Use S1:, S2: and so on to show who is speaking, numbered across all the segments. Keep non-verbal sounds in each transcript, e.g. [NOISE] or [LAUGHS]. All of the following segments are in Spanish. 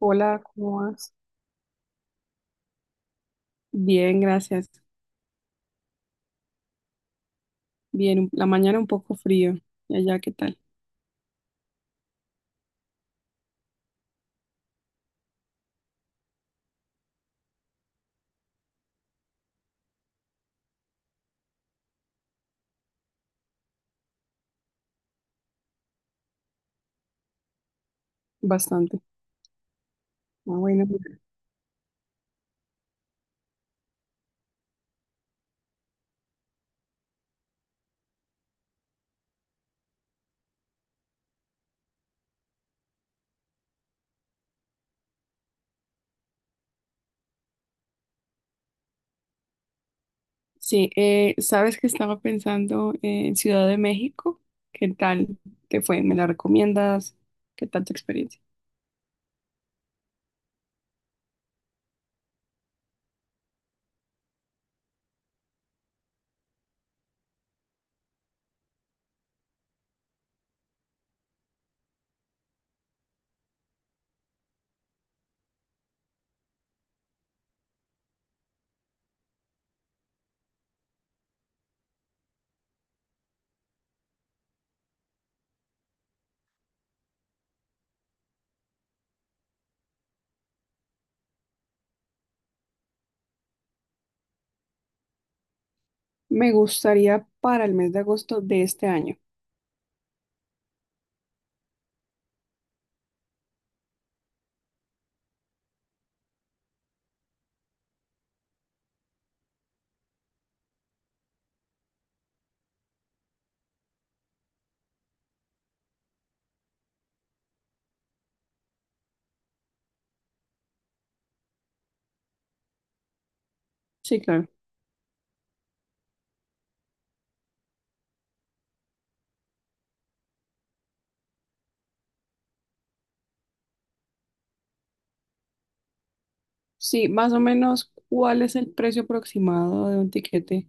S1: Hola, ¿cómo vas? Bien, gracias. Bien, la mañana un poco frío. ¿Y allá qué tal? Bastante. Ah, bueno. Sí, sabes que estaba pensando en Ciudad de México. ¿Qué tal te fue? ¿Me la recomiendas? ¿Qué tal tu experiencia? Me gustaría para el mes de agosto de este año. Sí, claro. Sí, más o menos, ¿cuál es el precio aproximado de un tiquete?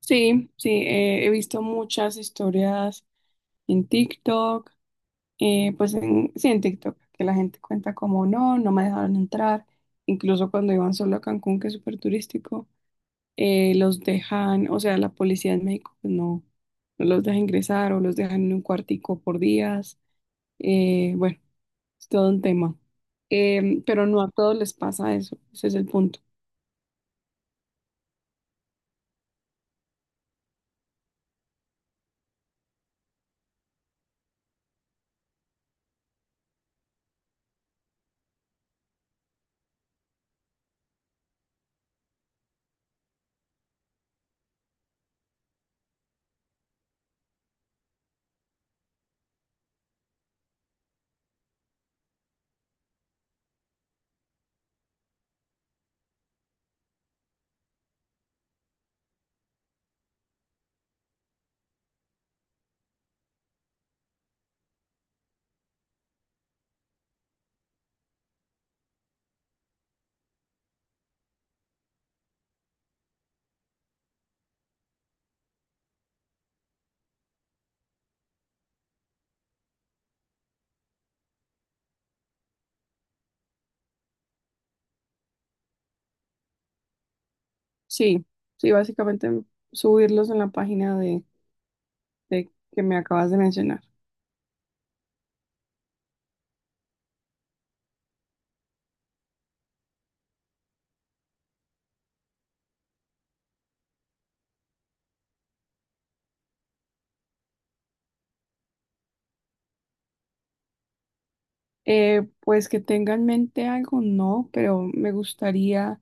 S1: Sí, sí, he visto muchas historias en TikTok. Pues en, sí, en TikTok, que la gente cuenta como no, no me dejaron entrar, incluso cuando iban solo a Cancún, que es súper turístico, los dejan, o sea, la policía en México pues, no, no los deja ingresar o los dejan en un cuartico por días, bueno, es todo un tema. Pero no a todos les pasa eso, ese es el punto. Sí, sí, básicamente subirlos en la página de que me acabas de mencionar. Pues que tenga en mente algo, no, pero me gustaría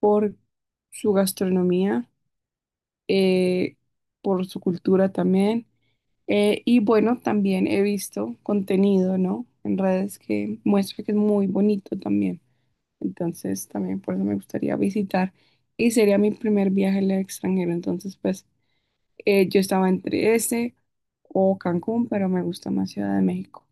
S1: por su gastronomía, eh, por su cultura también. Y bueno, también he visto contenido, ¿no? En redes que muestra que es muy bonito también. Entonces, también por eso me gustaría visitar. Y sería mi primer viaje al extranjero. Entonces, pues, yo estaba entre ese o Cancún, pero me gusta más Ciudad de México.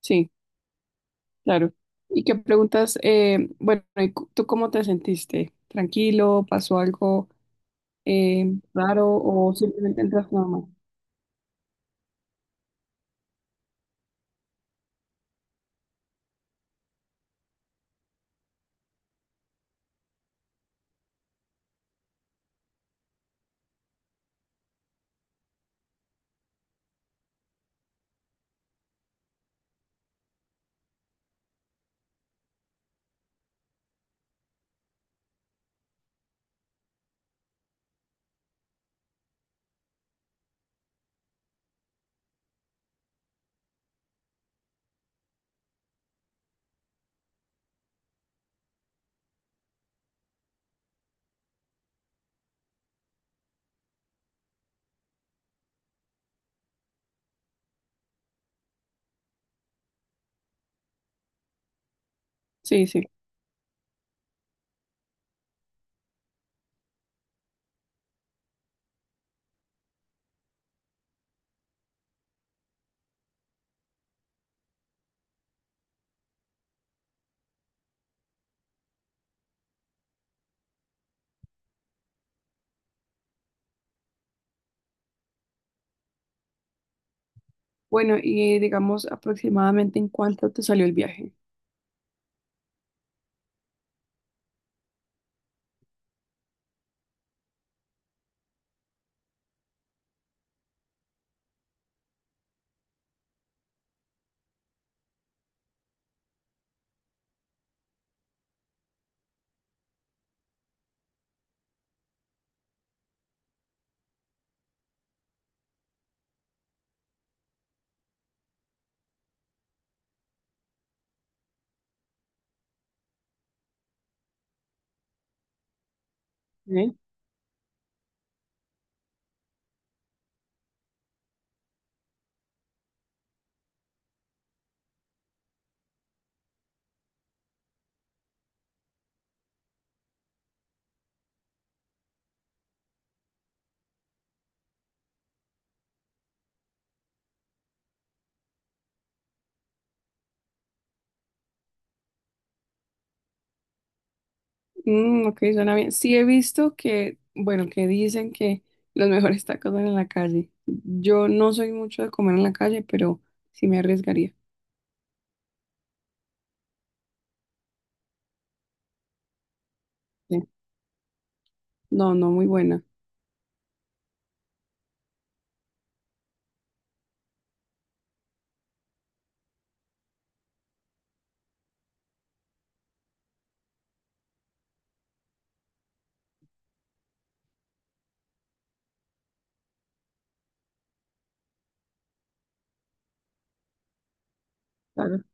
S1: Sí, claro. ¿Y qué preguntas? Bueno, ¿y tú cómo te sentiste? ¿Tranquilo? ¿Pasó algo? ¿Eh, raro o simplemente entras normal? Sí, sí. Bueno, y digamos aproximadamente en cuánto te salió el viaje. ¿Eh? Mm, ok, suena bien. Sí he visto que, bueno, que dicen que los mejores tacos son en la calle. Yo no soy mucho de comer en la calle, pero sí me arriesgaría. Sí. No, no, muy buena. Claro.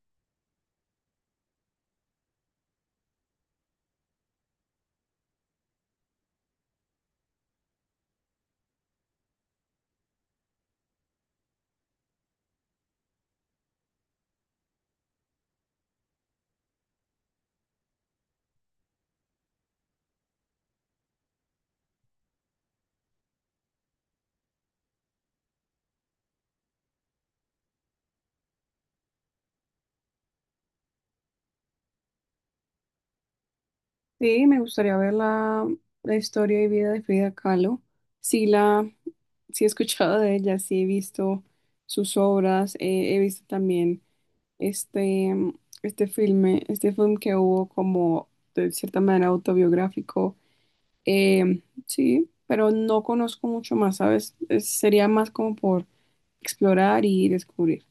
S1: Sí, me gustaría ver la, la historia y vida de Frida Kahlo. Sí la, sí he escuchado de ella, sí he visto sus obras, he visto también este, mm, este filme, este film que hubo como de cierta manera autobiográfico. Sí, pero no conozco mucho más, ¿sabes? Sería más como por explorar y descubrir.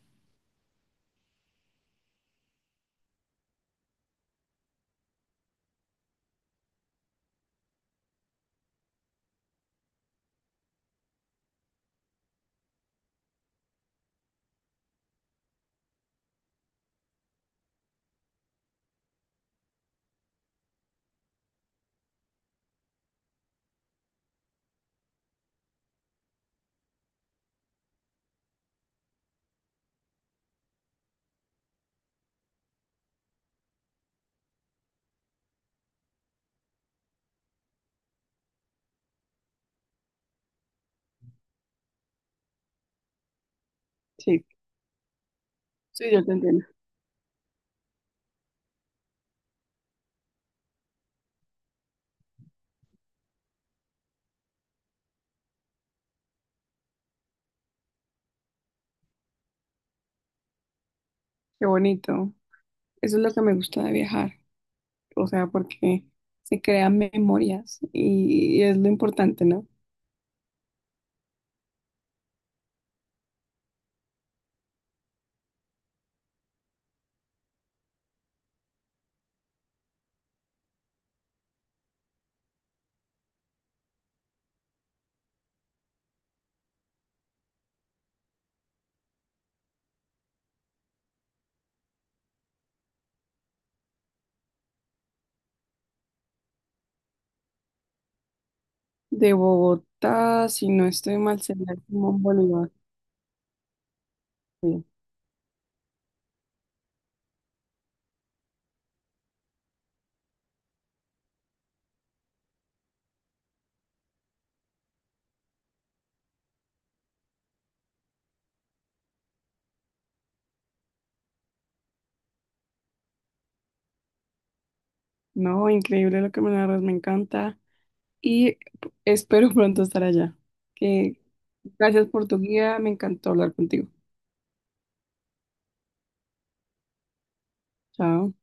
S1: Sí, sí, yo te entiendo. Qué bonito. Eso es lo que me gusta de viajar, o sea, porque se crean memorias y es lo importante, ¿no? De Bogotá, si no estoy mal, sería como Bolívar. Sí. No, increíble lo que me narras, me encanta. Y espero [LAUGHS] pronto estar allá. Que, gracias por tu guía, me encantó hablar contigo. Chao.